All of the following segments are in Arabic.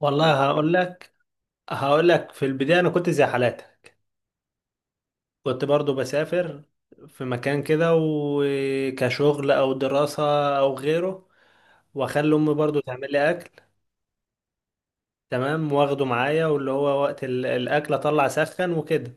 والله، هقول لك في البداية أنا كنت زي حالاتك. كنت برضو بسافر في مكان كده، وكشغل أو دراسة أو غيره، وأخلي أمي برضو تعمل لي أكل. تمام، واخده معايا، واللي هو وقت الأكل أطلع سخن وكده.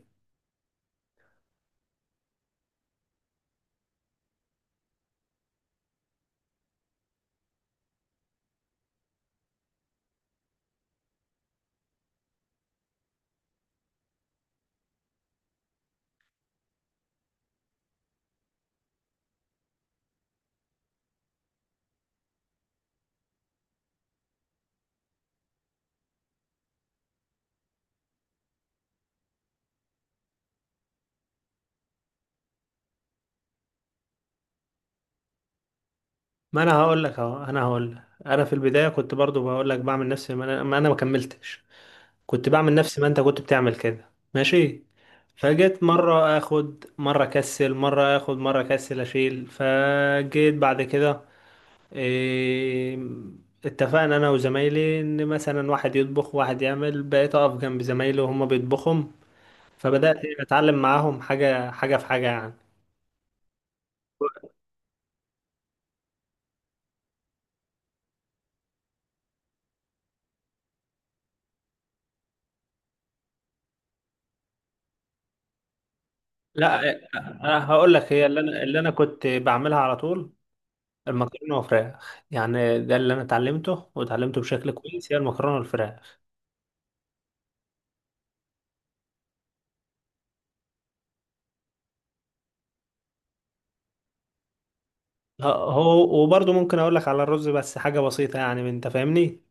ما أنا هقول لك أهو، أنا هقول لك أنا في البداية كنت برضو بقول لك بعمل نفسي. ما أنا ما كملتش. كنت بعمل نفس ما انت كنت بتعمل كده، ماشي. فجيت مرة اخد مرة اكسل، مرة اخد مرة اكسل اشيل. فجيت بعد كده إيه اتفقنا انا وزمايلي ان مثلا واحد يطبخ واحد يعمل، بقيت اقف جنب زمايلي وهما بيطبخهم، فبدأت اتعلم معاهم حاجة حاجة في حاجة يعني. لا، انا هقول لك هي اللي انا كنت بعملها على طول، المكرونة والفراخ. يعني ده اللي انا اتعلمته واتعلمته بشكل كويس، هي المكرونة والفراخ. هو وبرضه ممكن اقول لك على الرز، بس حاجه بسيطه يعني، من- انت فاهمني.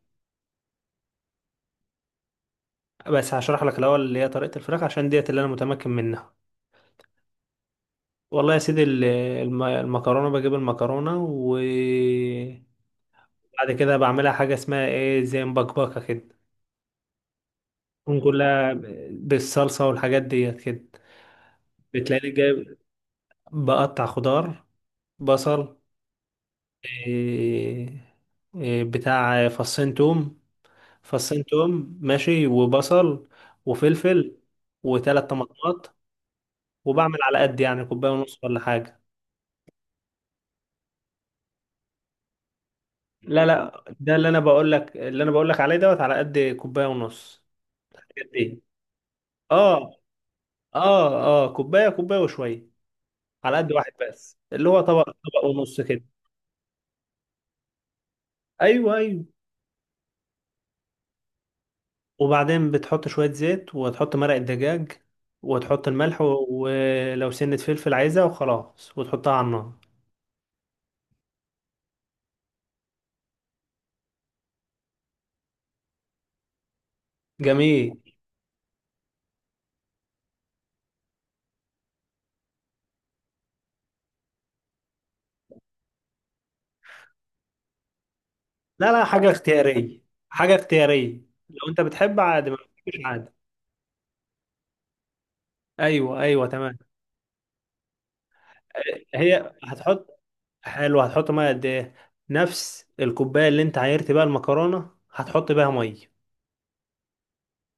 بس هشرح لك الاول اللي هي طريقه الفراخ عشان ديت اللي انا متمكن منها. والله يا سيدي، المكرونه بجيب المكرونه، وبعد كده بعملها حاجه اسمها زي مبكبكه كده، تكون كلها بالصلصه والحاجات ديت كده. بتلاقيني جايب، بقطع خضار، بصل، إيه إيه بتاع فصين توم ماشي، وبصل وفلفل وثلاث طماطمات. وبعمل على قد يعني كوبايه ونص ولا حاجه. لا، لا، ده اللي انا بقول لك اللي انا بقول لك عليه دوت، على قد كوبايه ونص. قد ايه؟ اه، اه، اه، كوبايه، كوبايه وشويه، على قد واحد بس اللي هو طبق ونص كده. ايوه، ايوه. وبعدين بتحط شويه زيت، وتحط مرق الدجاج، وتحط الملح و- ولو سنة فلفل عايزة، وخلاص، وتحطها على النار. جميل. لا، لا، حاجة اختيارية، حاجة اختيارية. لو انت بتحب عادي، ما بتحبش عادي. ايوه، ايوه، تمام. هي هتحط حلو هتحط ميه قد ايه؟ نفس الكوباية اللي انت عايرت بيها المكرونة، هتحط بيها ميه.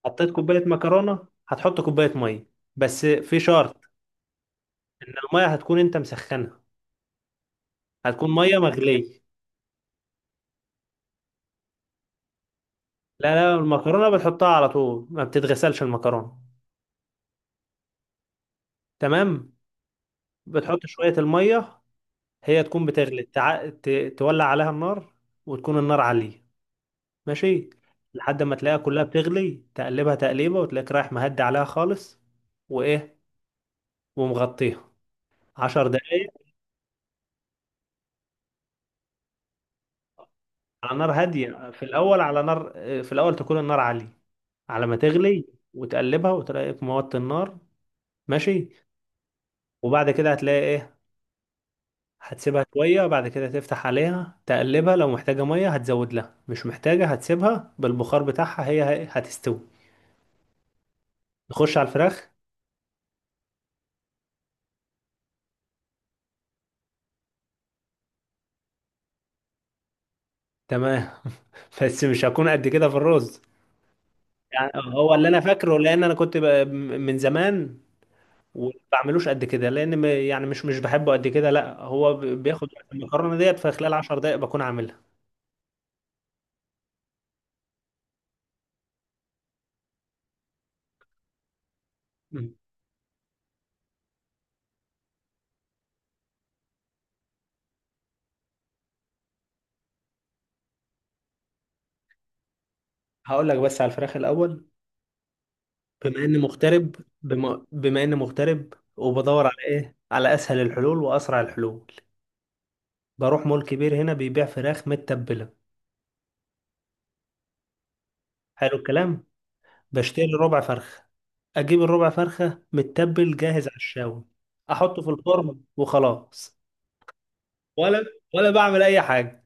حطيت كوباية مكرونة هتحط كوباية ميه. بس في شرط، ان الميه هتكون انت مسخنها، هتكون ميه مغلية. لا، لا، المكرونة بتحطها على طول، ما بتتغسلش المكرونة. تمام. بتحط شوية الميه، هي تكون بتغلي، تولع عليها النار، وتكون النار عالية، ماشي. لحد ما تلاقيها كلها بتغلي، تقلبها تقليبة، وتلاقيك رايح مهدي عليها خالص. وإيه ومغطيها عشر دقايق. على نار هادية في الأول، على نار، في الأول تكون النار عالية على ما تغلي، وتقلبها، وتلاقيك موطي النار، ماشي. وبعد كده هتلاقي هتسيبها شوية، بعد كده تفتح عليها تقلبها، لو محتاجة مية هتزود لها، مش محتاجة هتسيبها بالبخار بتاعها، هتستوي. نخش على الفراخ. تمام. بس مش هكون قد كده في الرز، يعني هو اللي انا فاكره، لان انا كنت ب- من زمان، وما بعملوش قد كده، لان م- يعني مش مش بحبه قد كده. لا هو ب- بياخد وقت. المكرونه ديت في خلال 10 دقائق بكون عاملها. مم. هقول لك بس على الفراخ الاول. بما اني مغترب بما اني مغترب وبدور على ايه، على اسهل الحلول واسرع الحلول. بروح مول كبير هنا بيبيع فراخ متبله. حلو الكلام. بشتري ربع فرخة، أجيب الربع فرخة متبل جاهز على الشاوي، أحطه في الفرن وخلاص. ولا ولا بعمل أي حاجة.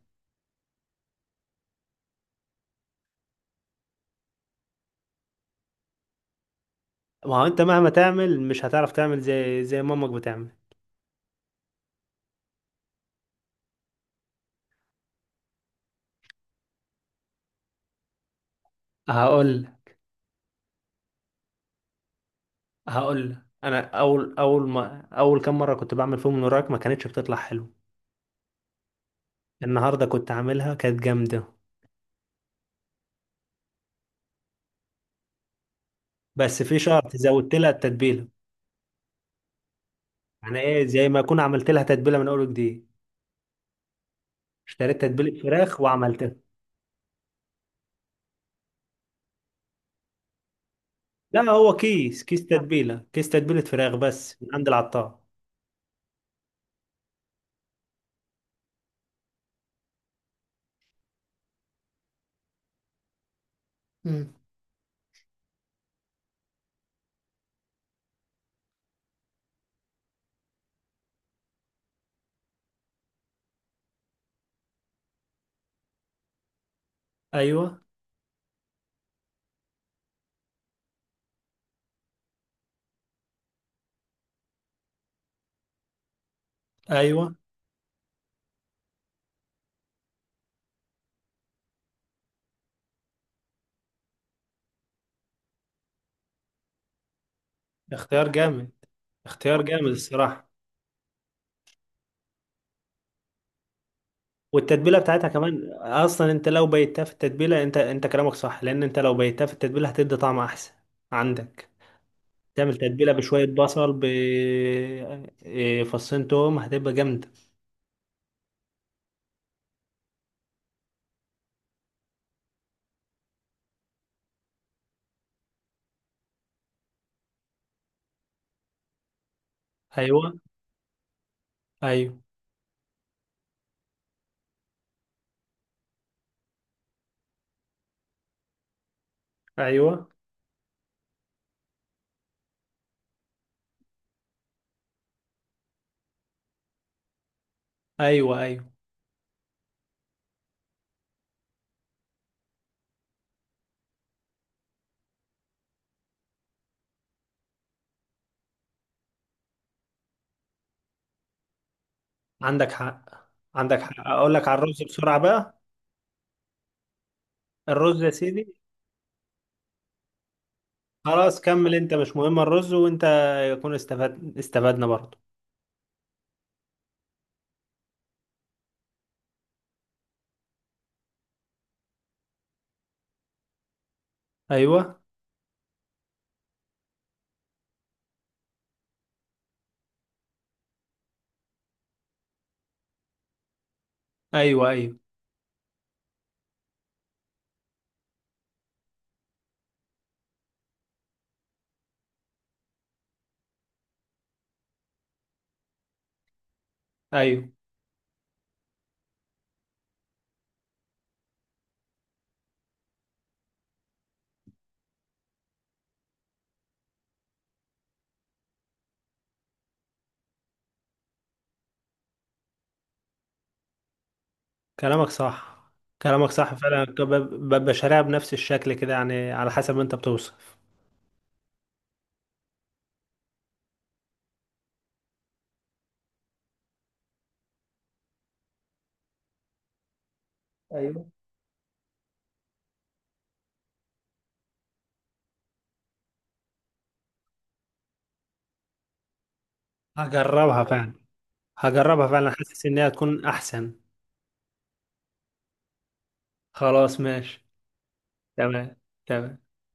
ما هو أنت مهما تعمل مش هتعرف تعمل زي مامك بتعمل. هقول هقول أنا أول أول ما أول كام مرة كنت بعمل فيهم من وراك ما كانتش بتطلع حلو. النهاردة كنت عاملها كانت جامدة، بس في شرط، زودت لها التتبيلة. يعني إيه، زي ما أكون عملت لها تتبيلة من أول وجديد، اشتريت تتبيلة فراخ وعملتها. لا، هو كيس، كيس تتبيله فراخ بس من عند العطار. مم. ايوه، ايوه. اختيار جامد اختيار جامد الصراحه. والتتبيله بتاعتها كمان اصلا، انت لو بيتها في التتبيله، انت كلامك صح، لان انت لو بيتها في التتبيله هتدي طعم احسن. عندك، تعمل تتبيله بشويه بصل ب فصين توم، هتبقى جامده. ايوه، ايوه، ايوه، ايوه، ايوه. عندك حق، عندك حق، اقول لك على الرز بسرعه بقى. الرز يا سيدي. خلاص، كمل انت، مش مهم الرز، وانت يكون استفاد، استفدنا برضه. ايوه، ايوه، ايوه، ايوه. كلامك صح، كلامك صح فعلا. ببقى شاريها بنفس الشكل كده يعني على حسب ما انت بتوصف. ايوه، هجربها فعلا. هجربها فعلا، حاسس انها تكون احسن. خلاص، ماشي. تمام، تمام.